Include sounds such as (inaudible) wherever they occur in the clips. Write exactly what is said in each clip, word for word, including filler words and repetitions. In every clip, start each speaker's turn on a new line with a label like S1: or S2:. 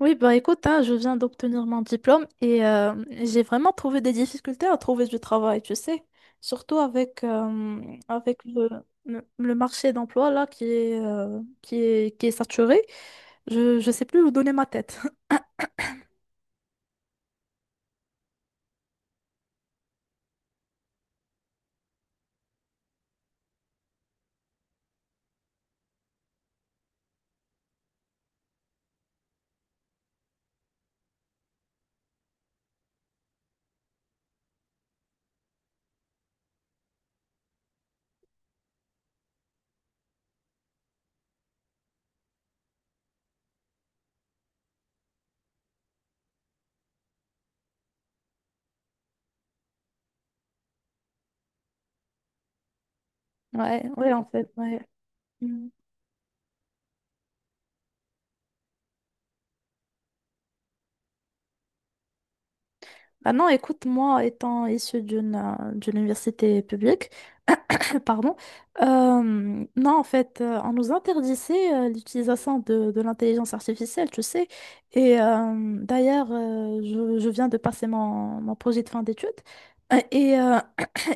S1: Oui, bah écoute, hein, je viens d'obtenir mon diplôme et euh, j'ai vraiment trouvé des difficultés à trouver du travail, tu sais. Surtout avec, euh, avec le, le le marché d'emploi là qui est, euh, qui est, qui est saturé. Je ne sais plus où donner ma tête. (laughs) Ouais, ouais, en fait, ouais. Mm. Bah non, écoute, moi, étant issue d'une euh, d'une université publique, école, pardon, euh, non, en fait, euh, on nous interdisait euh, l'utilisation de, de l'intelligence artificielle, tu sais. Et euh, d'ailleurs, euh, je, je viens de passer mon, mon projet de fin d'études. Euh, Et euh,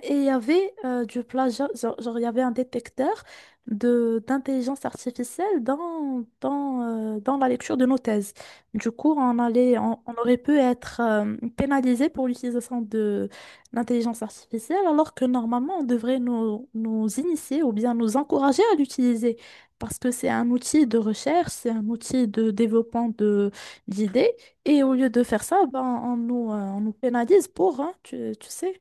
S1: et il y avait euh, du plagiat, genre, genre, il y avait un détecteur de d'intelligence artificielle dans, dans, euh, dans la lecture de nos thèses. Du coup, on allait, on, on aurait pu être euh, pénalisé pour l'utilisation de l'intelligence artificielle, alors que normalement, on devrait nous, nous initier ou bien nous encourager à l'utiliser, parce que c'est un outil de recherche, c'est un outil de développement de d'idées, et au lieu de faire ça, ben, on nous, euh, on nous pénalise pour, hein, tu, tu sais.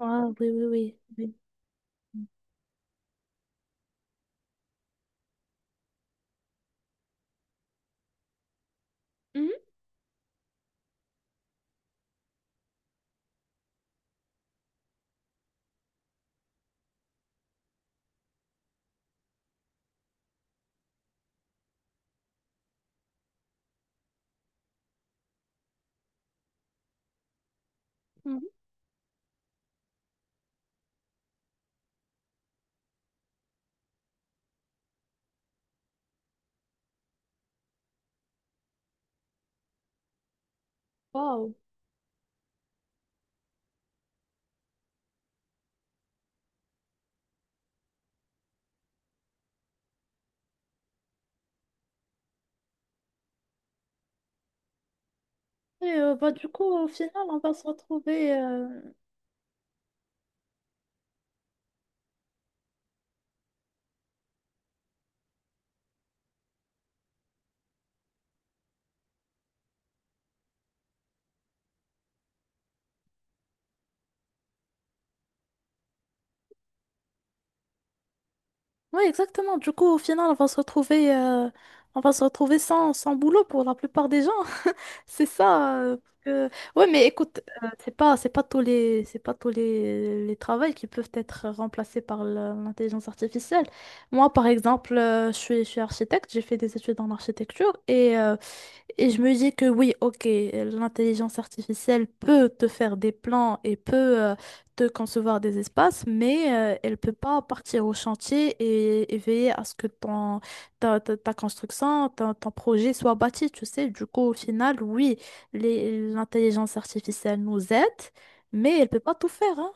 S1: Ah, oui, oui, oui, oui. Mhm. Mhm. Wow. Et, euh, bah, du coup, au final, on va se retrouver. euh, Oui, exactement. Du coup, au final, on va se retrouver, euh, on va se retrouver sans, sans boulot pour la plupart des gens. (laughs) C'est ça. euh, que... Ouais, mais écoute, euh, c'est pas, c'est pas tous les, c'est pas tous les, les travails qui peuvent être remplacés par la- l'intelligence artificielle. Moi, par exemple, euh, je suis, je suis architecte. J'ai fait des études en architecture et euh, Et je me dis que oui, ok, l'intelligence artificielle peut te faire des plans et peut euh, te concevoir des espaces, mais euh, elle peut pas partir au chantier et, et veiller à ce que ton, ta, ta- ta construction, ton, ton projet soit bâti, tu sais. Du coup, au final, oui, les- l'intelligence artificielle nous aide, mais elle peut pas tout faire, hein.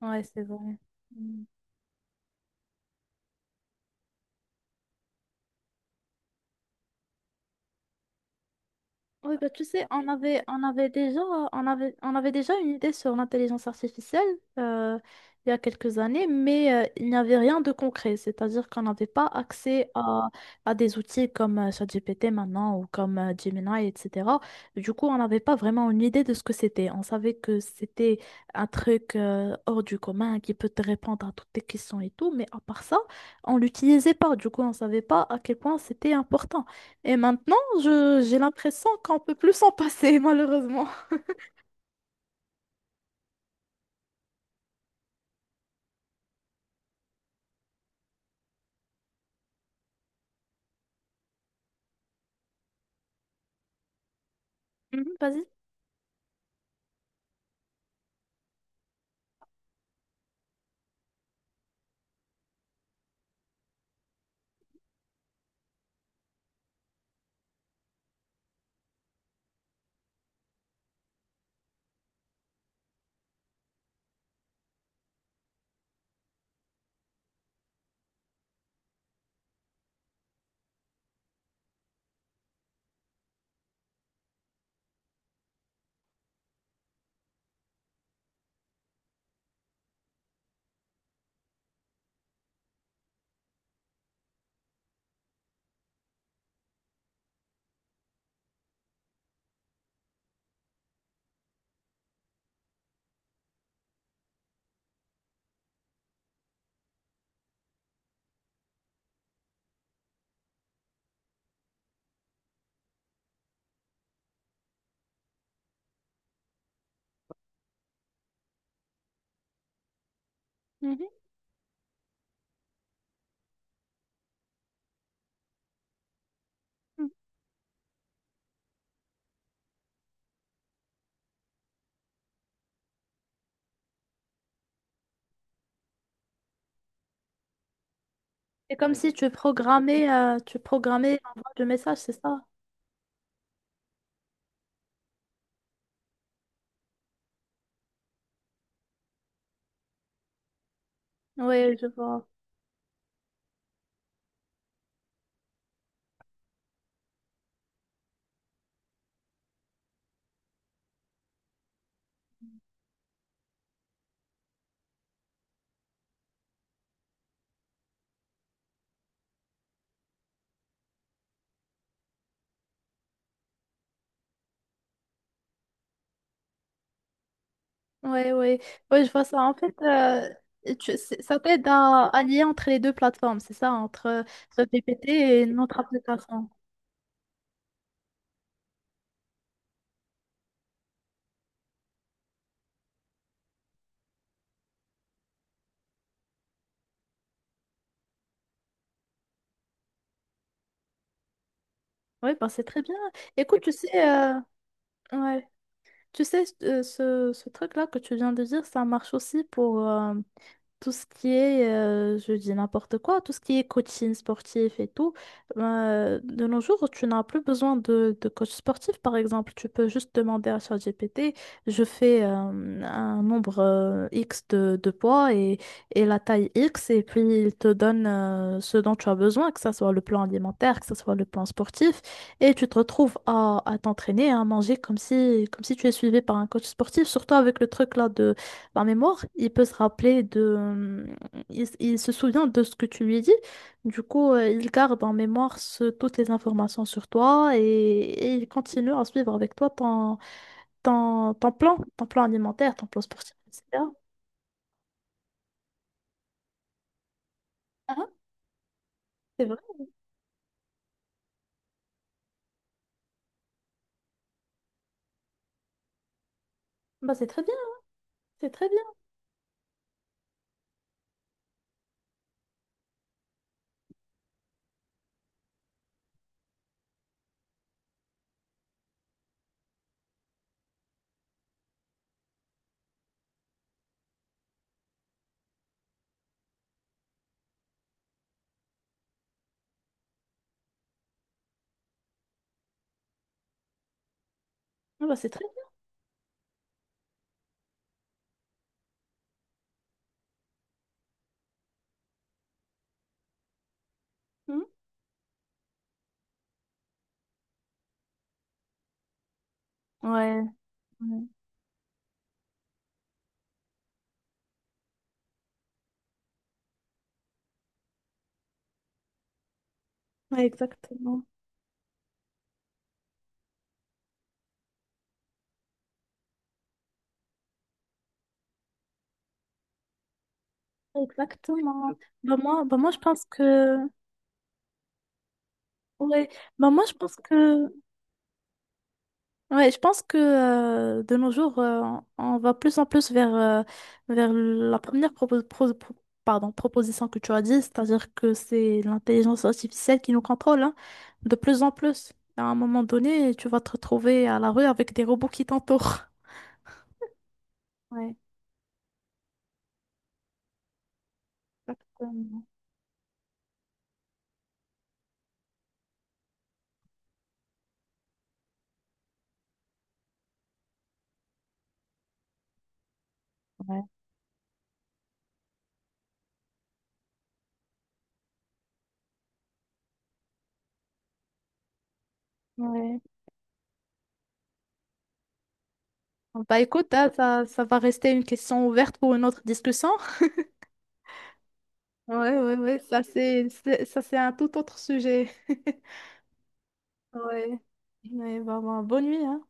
S1: Ouais, c'est vrai. Oui, bah, tu sais, on avait, on avait déjà, on avait, on avait déjà une idée sur l'intelligence artificielle euh, il y a quelques années, mais euh, il n'y avait rien de concret. C'est-à-dire qu'on n'avait pas accès à, à des outils comme euh, ChatGPT maintenant ou comme euh, Gemini, et cætera. Du coup, on n'avait pas vraiment une idée de ce que c'était. On savait que c'était un truc euh, hors du commun qui peut te répondre à toutes tes questions et tout, mais à part ça, on l'utilisait pas. Du coup, on savait pas à quel point c'était important. Et maintenant, je, j'ai l'impression qu'on peut plus s'en passer, (laughs) malheureusement. Mhm, vas-y. Mhm, mhm. C'est comme si tu programmais, euh, tu programmais l'envoi de messages, c'est ça? Oui, je vois. Oui, oui. Oui, je vois ça. En fait, euh, tu- c'est- ça t'aide à, à lier entre les deux plateformes, c'est ça, entre G P T et notre application. Oui, bah, c'est très bien. Écoute, tu sais, euh, ouais, tu sais, euh, ce, ce truc-là que tu viens de dire, ça marche aussi pour, euh, tout ce qui est, euh, je dis n'importe quoi, tout ce qui est coaching sportif et tout, ben, euh, de nos jours, tu n'as plus besoin de, de coach sportif, par exemple. Tu peux juste demander à ChatGPT, je fais euh, un nombre euh, X de, de poids et, et la taille X, et puis il te donne euh, ce dont tu as besoin, que ce soit le plan alimentaire, que ce soit le plan sportif, et tu te retrouves à, à t'entraîner, à manger comme si, comme si tu es suivi par un coach sportif, surtout avec le truc là de par mémoire, il peut se rappeler de... euh, Il, s- il se souvient de ce que tu lui dis. Du coup, euh, il garde en mémoire ce- toutes les informations sur toi et, et il continue à suivre avec toi ton, ton, ton plan, ton plan alimentaire, ton plan sportif, et cætera. Ah, c'est vrai. Bah, c'est très bien, c'est très bien. Ah, bah, c'est très bien. Mhm. Ouais. Ouais, ouais, exactement. Exactement. Bah, moi, bah, moi, je pense que... Ouais. Bah, moi, je pense que... Ouais, je pense que euh, de nos jours, euh, on on va plus en plus vers, euh, vers la première propos- pro- pro- pardon, proposition que tu as dit, c'est-à-dire que c'est l'intelligence artificielle qui nous contrôle, hein, de plus en plus. À un moment donné, tu vas te retrouver à la rue avec des robots qui t'entourent. Ouais, exactement. Ouais. Bah écoute, hein, ça, ça va rester une question ouverte pour une autre discussion. Ouais, ouais, ouais, ça c'est, c'est- ça c'est un tout autre sujet. (laughs) Ouais. Ouais, bah, bah, bonne nuit, hein.